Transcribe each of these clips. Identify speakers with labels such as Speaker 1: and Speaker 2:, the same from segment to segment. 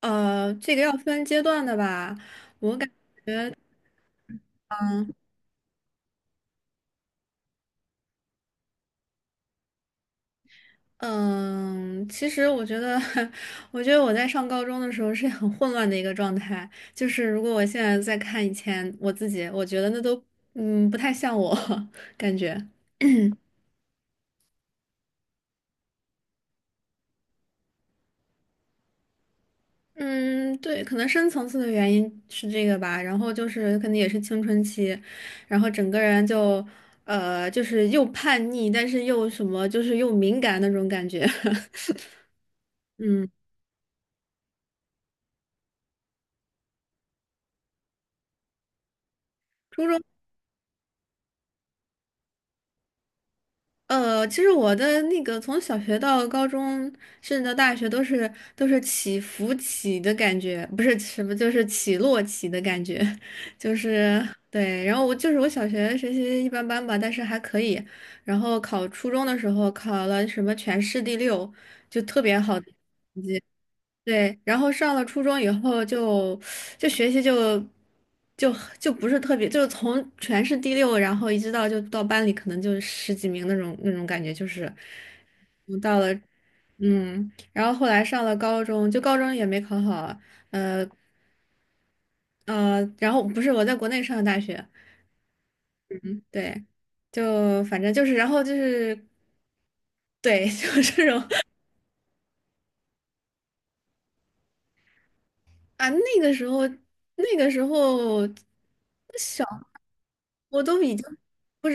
Speaker 1: 这个要分阶段的吧。我感，嗯，其实我觉得，我觉得我在上高中的时候是很混乱的一个状态。就是如果我现在再看以前我自己，我觉得那都，不太像我 感觉。嗯，对，可能深层次的原因是这个吧。然后就是可能也是青春期，然后整个人就，就是又叛逆，但是又什么，就是又敏感那种感觉。嗯。其实我的那个从小学到高中，甚至到大学，都是起伏起的感觉，不是什么，就是起落起的感觉，就是对。然后我就是我小学学习一般般吧，但是还可以。然后考初中的时候考了什么全市第六，就特别好的成绩。对，然后上了初中以后就学习就就不是特别，就是从全市第六，然后一直到班里可能就十几名那种感觉，就是嗯到了。然后后来上了高中，就高中也没考好，呃然后不是我在国内上的大学。嗯，对，就反正就是，然后就是对，就是这种 啊，那个时候那个时候小我都已经。不，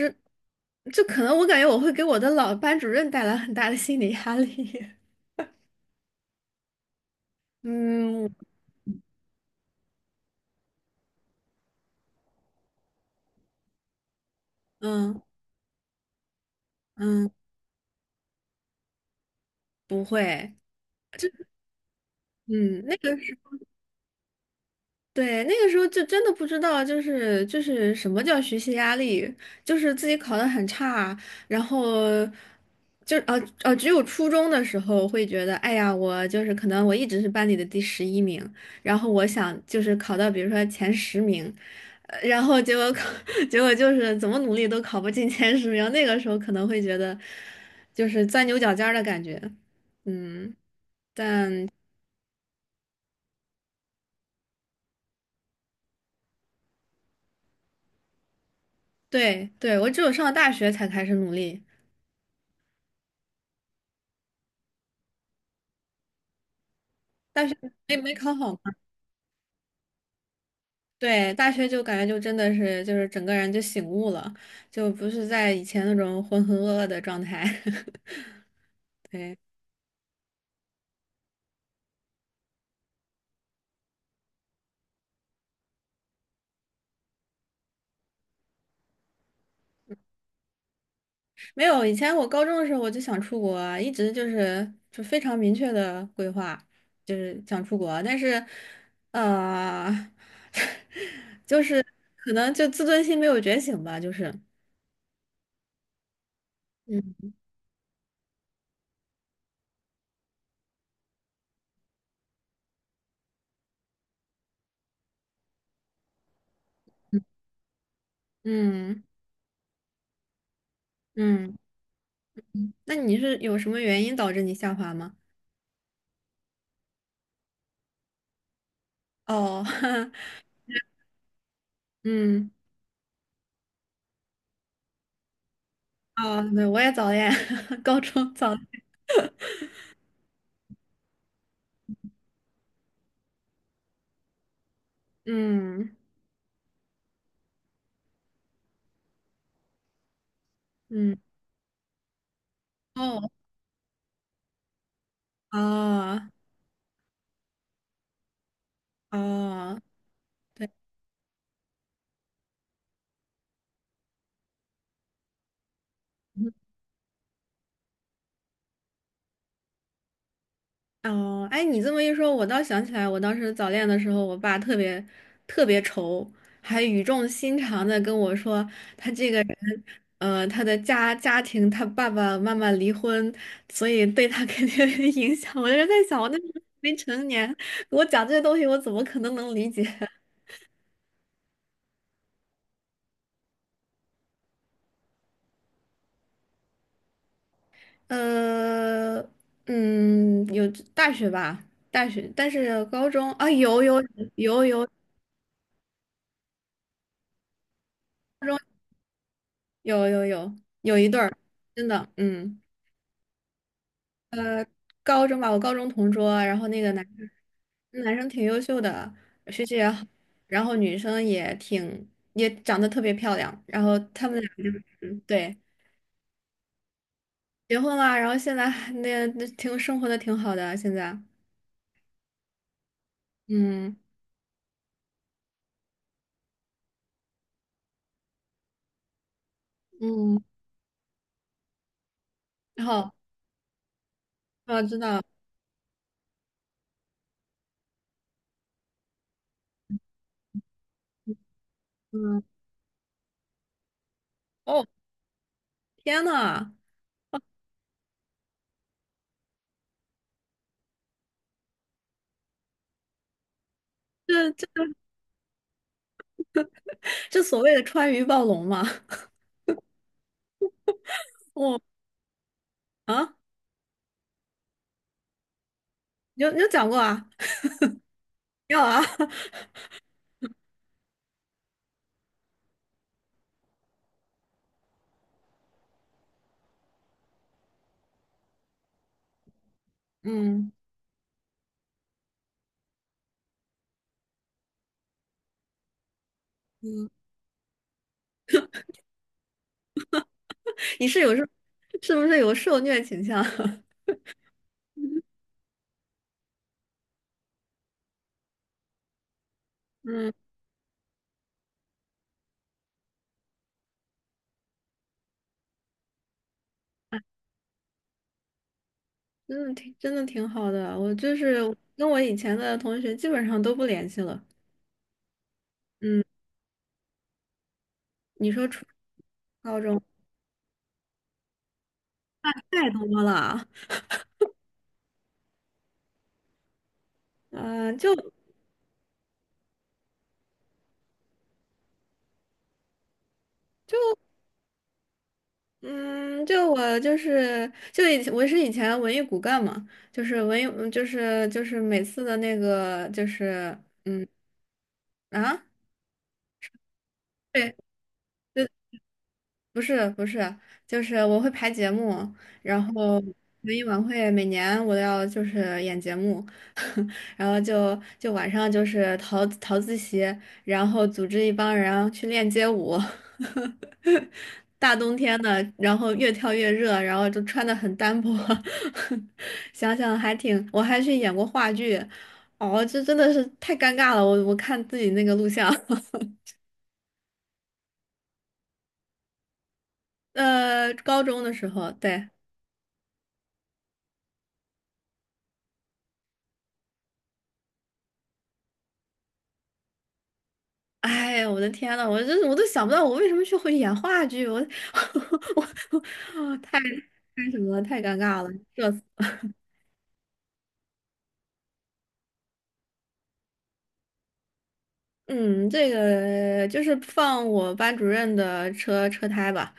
Speaker 1: 就可能我感觉我会给我的老班主任带来很大的心理压力。嗯嗯嗯，不会，嗯，那个。对，那个时候就真的不知道，就是什么叫学习压力，就是自己考得很差，然后就只有初中的时候会觉得，哎呀，我就是可能我一直是班里的第11名，然后我想就是考到比如说前十名，然后结果考 结果就是怎么努力都考不进前十名，那个时候可能会觉得就是钻牛角尖儿的感觉。嗯，但对对，我只有上了大学才开始努力。大学没考好嘛。对，大学就感觉就真的是就是整个人就醒悟了，就不是在以前那种浑浑噩噩的状态。对，没有，以前我高中的时候我就想出国啊，一直就是就非常明确的规划，就是想出国，但是，呃，就是可能就自尊心没有觉醒吧，就是，嗯嗯嗯，那你是有什么原因导致你下滑吗？哦，嗯。啊，对，我也早恋，高中早，嗯嗯，哦哦哦，对，嗯，哦，哎，你这么一说，我倒想起来，我当时早恋的时候，我爸特别特别愁，还语重心长的跟我说，他这个人，他的家庭，他爸爸妈妈离婚，所以对他 肯定有影响。我就在想，我那时候没成年，我讲这些东西，我怎么能理解？呃，有，大学吧，大学，但是高中啊，有，高中有有有有一对儿，真的，嗯，高中吧，我高中同桌啊，然后那个男生挺优秀的，学习也好，然后女生也长得特别漂亮，然后他们俩就，对，结婚了，然后现在还那挺生活的挺好的啊，现在，嗯嗯，然后我知道，嗯，哦，天呐！这这这所谓的川渝暴龙嘛，我啊，你有讲过啊？没有啊？嗯嗯，你是有是是不是有受虐倾向？嗯，真的挺好的。我就是跟我以前的同学基本上都不联系了。嗯，你说初高中？太多了，嗯、就就嗯，就我就是就以我是以前文艺骨干嘛，就是文艺嗯就是就是每次的那个嗯啊。对，对，不是不是，就是我会排节目，然后文艺晚会每年我都要演节目，然后就晚上就是逃自习，然后组织一帮人去练街舞，大冬天的，然后越跳越热，然后就穿的很单薄，想想还挺，我还去演过话剧，哦，这真的是太尴尬了，我看自己那个录像，高中的时候，对。哎，我的天呐，我真是我都想不到我为什么去会演话剧，我 我我太什么了，太尴尬了，社死。嗯，这个就是放我班主任的车胎吧。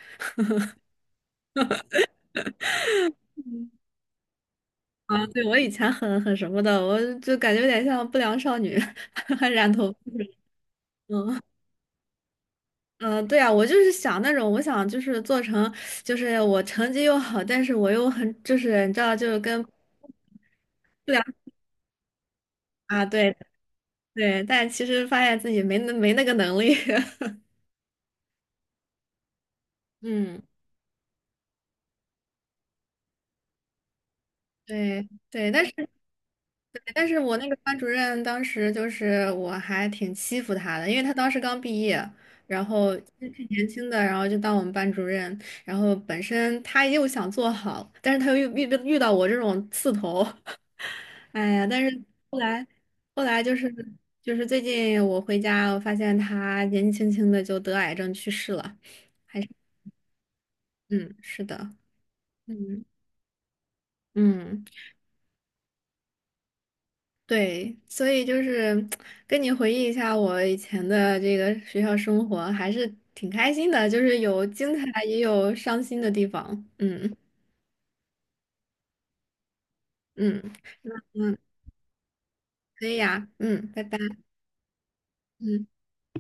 Speaker 1: 啊，对，我以前很什么的，我就感觉有点像不良少女，还染头发。嗯嗯，对啊，我就是想那种，我想就是做成，就是我成绩又好，但是我又很，就是你知道，就是跟不良啊，对对，但其实发现自己没那个能力。嗯，对对，但是我那个班主任当时就是我还挺欺负他的，因为他当时刚毕业，然后挺年轻的，然后就当我们班主任，然后本身他又想做好，但是他又遇到我这种刺头，哎呀，但是后来后来就是最近我回家，我发现他年纪轻轻的就得癌症去世了，还是嗯，是的，嗯。嗯。对，所以就是跟你回忆一下我以前的这个学校生活，还是挺开心的，就是有精彩，也有伤心的地方。嗯嗯，嗯，可以呀，嗯，拜拜。嗯。